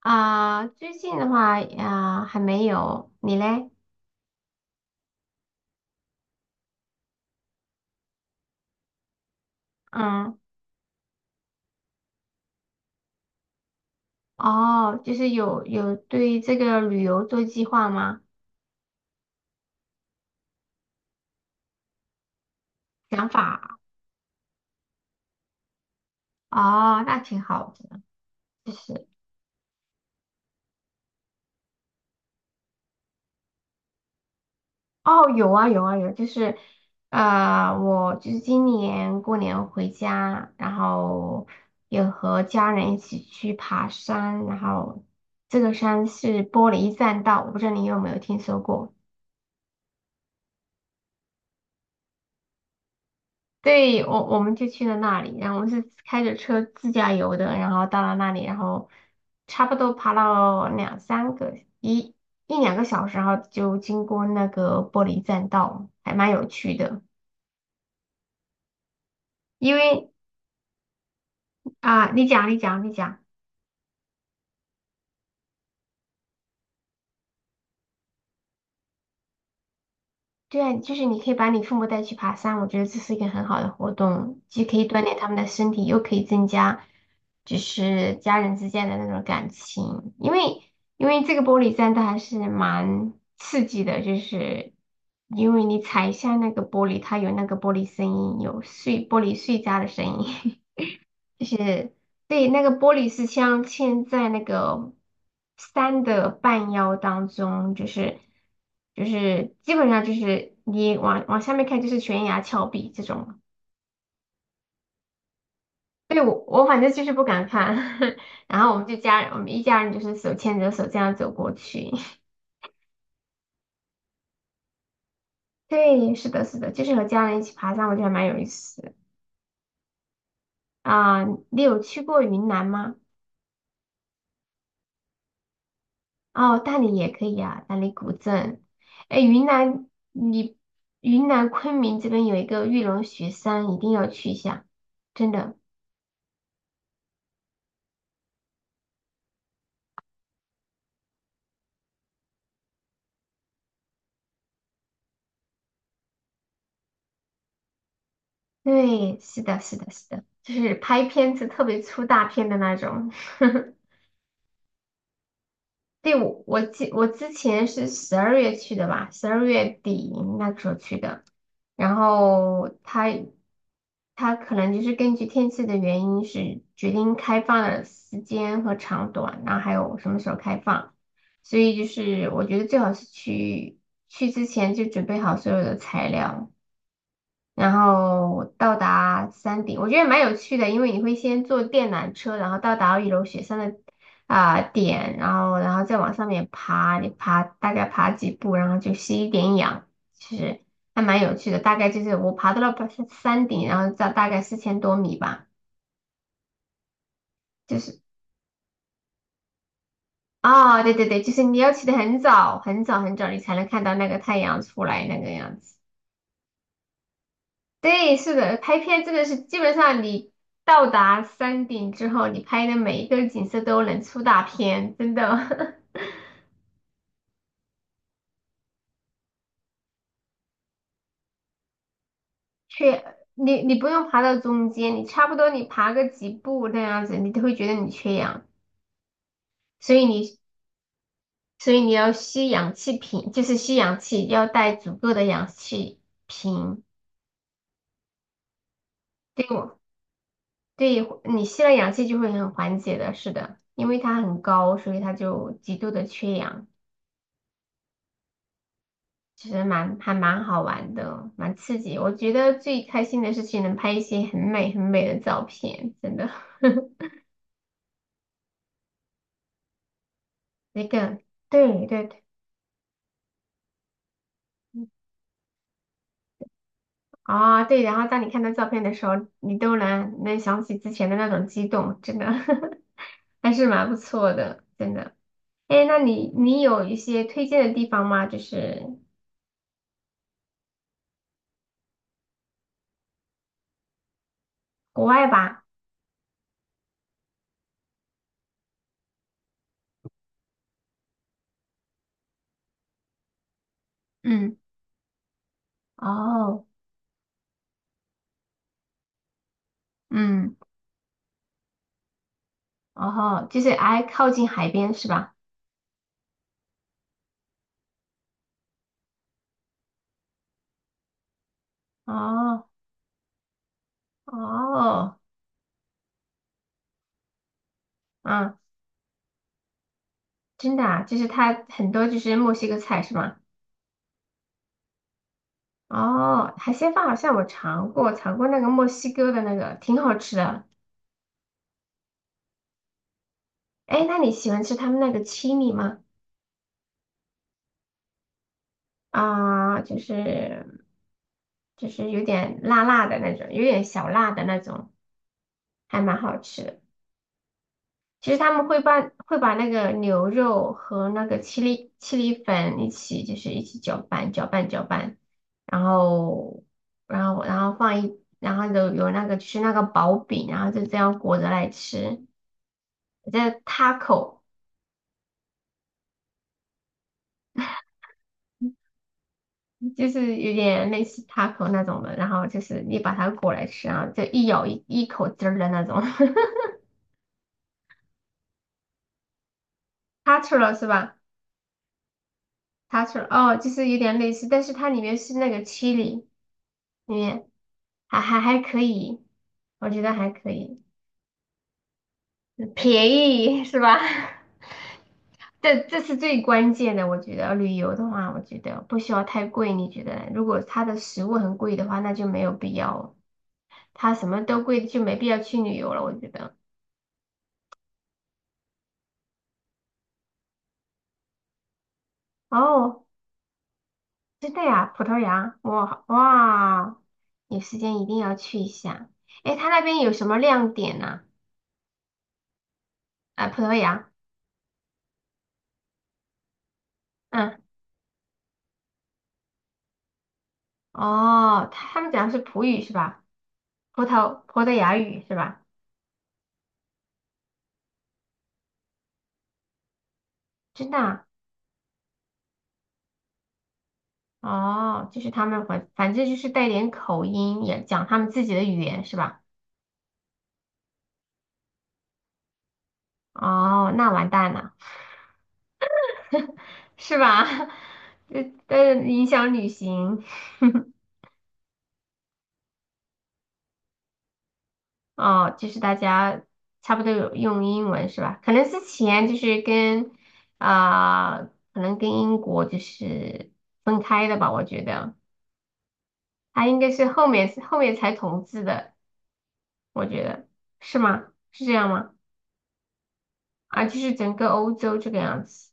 啊，最近的话啊，还没有，你嘞？嗯。哦，就是有对这个旅游做计划吗？想法？哦，那挺好的。就是。哦，有啊有啊有，就是。我就是今年过年回家，然后有和家人一起去爬山，然后这个山是玻璃栈道，我不知道你有没有听说过。对，我们就去了那里，然后我们是开着车自驾游的，然后到了那里，然后差不多爬了两三个一一两个小时，然后就经过那个玻璃栈道，还蛮有趣的。因为啊，你讲，你讲，你讲。对啊，就是你可以把你父母带去爬山，我觉得这是一个很好的活动，既可以锻炼他们的身体，又可以增加就是家人之间的那种感情。因为这个玻璃栈道还是蛮刺激的，就是。因为你踩一下那个玻璃，它有那个玻璃声音，有碎玻璃碎渣的声音。对，那个玻璃是镶嵌在那个山的半腰当中，就是基本上就是你往下面看就是悬崖峭壁这种。对，我反正就是不敢看，然后我们一家人就是手牵着手这样走过去。对，是的，是的，就是和家人一起爬山，我觉得还蛮有意思的啊。你有去过云南吗？哦，大理也可以啊，大理古镇。哎，云南昆明这边有一个玉龙雪山，一定要去一下，真的。对，是的，是的，是的，就是拍片子特别出大片的那种。对，我之前是十二月去的吧，12月底那个时候去的，然后他可能就是根据天气的原因是决定开放的时间和长短，然后还有什么时候开放。所以就是我觉得最好是去之前就准备好所有的材料，然后到达山顶，我觉得蛮有趣的，因为你会先坐电缆车，然后到达一楼雪山的点，然后再往上面爬，你大概爬几步，然后就吸一点氧，其实还蛮有趣的。大概就是我爬到了山顶，然后到大概4000多米吧，就是。哦，对对对，就是你要起得很早很早很早，你才能看到那个太阳出来那个样子。对，是的，拍片真的是基本上你到达山顶之后，你拍的每一个景色都能出大片，真的。你不用爬到中间，你差不多你爬个几步那样子，你都会觉得你缺氧，所以你所以你要吸氧气瓶，就是吸氧气，要带足够的氧气瓶。对我对你吸了氧气就会很缓解的，是的，因为它很高，所以它就极度的缺氧。其实还蛮好玩的，蛮刺激。我觉得最开心的事情能拍一些很美很美的照片，真的。那个，对对对。对。然后当你看到照片的时候，你都能想起之前的那种激动，真的 还是蛮不错的，真的。哎，那你有一些推荐的地方吗？就是。国外吧？嗯。哦，嗯。哦，就是挨靠近海边是吧？哦哦，嗯。真的啊，就是它很多就是墨西哥菜是吗？哦，海鲜饭好像我尝过那个墨西哥的那个，挺好吃的。哎，那你喜欢吃他们那个青米吗？啊、就是就是有点辣辣的那种，有点小辣的那种，还蛮好吃的。其实他们会把那个牛肉和那个七粒粉一起，就是一起搅拌搅拌，然后然后然后有那个就是那个薄饼，然后就这样裹着来吃，叫 taco,就是有点类似 taco 那种的，然后就是你把它裹来吃，然后就一咬一口汁儿的那种 ，taco 了是吧？taco 哦，就是有点类似，但是它里面是那个七 h 也还可以，我觉得还可以，便宜是吧？这是最关键的，我觉得旅游的话，我觉得不需要太贵，你觉得呢如果它的食物很贵的话，那就没有必要，它什么都贵，就没必要去旅游了，我觉得。哦，真的呀，葡萄牙，哇哇，有时间一定要去一下。诶，它那边有什么亮点呢？啊，葡萄牙，嗯。哦，他们讲的是葡语是吧？葡萄牙语是吧？真的啊。哦，就是他们反正就是带点口音，也讲他们自己的语言是吧？哦，那完蛋了，是吧？这影响旅行 哦，就是大家差不多有用英文是吧？可能之前就是跟啊、可能跟英国就是分开的吧，我觉得它应该是后面才统治的，我觉得。是吗？是这样吗？啊，就是整个欧洲这个样子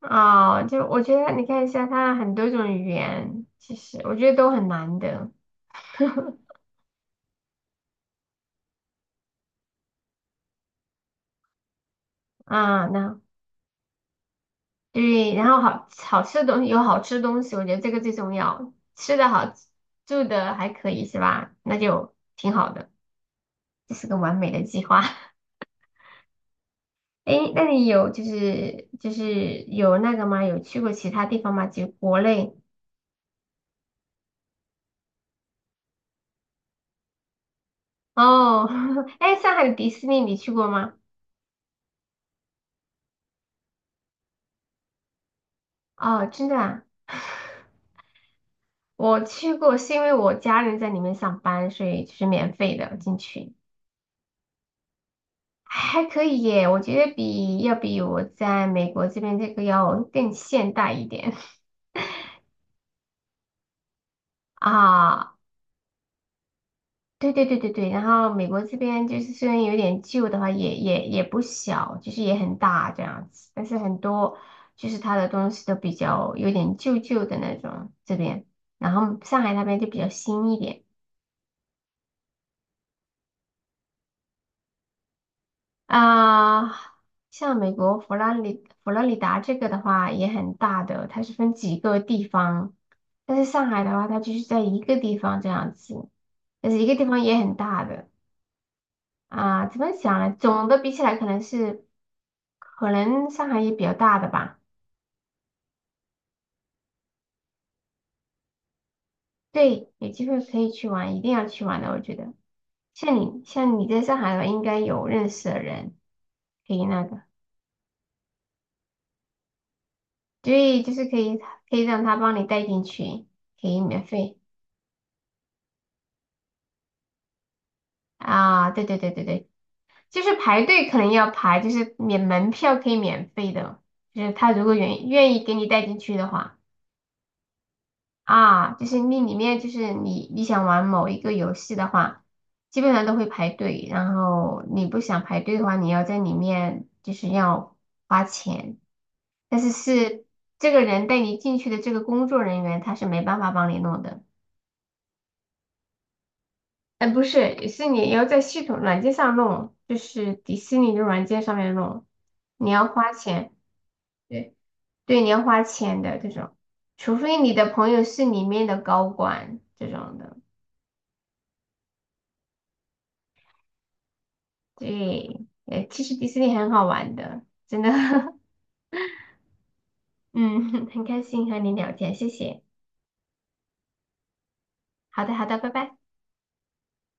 啊，就我觉得你看一下，它很多种语言，其实我觉得都很难的啊。那对，然后好好吃的东西有好吃的东西，我觉得这个最重要，吃的好，住的还可以是吧？那就挺好的，这是个完美的计划。诶，那你有就是有那个吗？有去过其他地方吗？就国内哦。诶，上海的迪士尼你去过吗？哦，真的啊。我去过，是因为我家人在里面上班，所以就是免费的进去，还可以耶。我觉得要比我在美国这边这个要更现代一点 啊。对对对对对，然后美国这边就是虽然有点旧的话，也不小，就是也很大这样子，但是很多就是它的东西都比较有点旧旧的那种这边，然后上海那边就比较新一点。啊，像美国佛罗里达这个的话也很大的，它是分几个地方，但是上海的话，它就是在一个地方这样子，但是一个地方也很大的啊，怎么讲呢？总的比起来，可能上海也比较大的吧。对，有机会可以去玩，一定要去玩的，我觉得。像你在上海的话，应该有认识的人可以那个，对，就是可以让他帮你带进去，可以免费。啊，对对对对对，就是排队可能要排，就是免门票可以免费的，就是他如果愿意给你带进去的话，啊，就是那里面就是你想玩某一个游戏的话，基本上都会排队，然后你不想排队的话，你要在里面就是要花钱，但是这个人带你进去的这个工作人员他是没办法帮你弄的。哎，不是，是你要在系统软件上弄，就是迪士尼的软件上面弄，你要花钱，对对，你要花钱的这种，除非你的朋友是里面的高管这种的，对，其实迪士尼很好玩的，真的，嗯，很开心和你聊天，谢谢，好的好的，拜拜。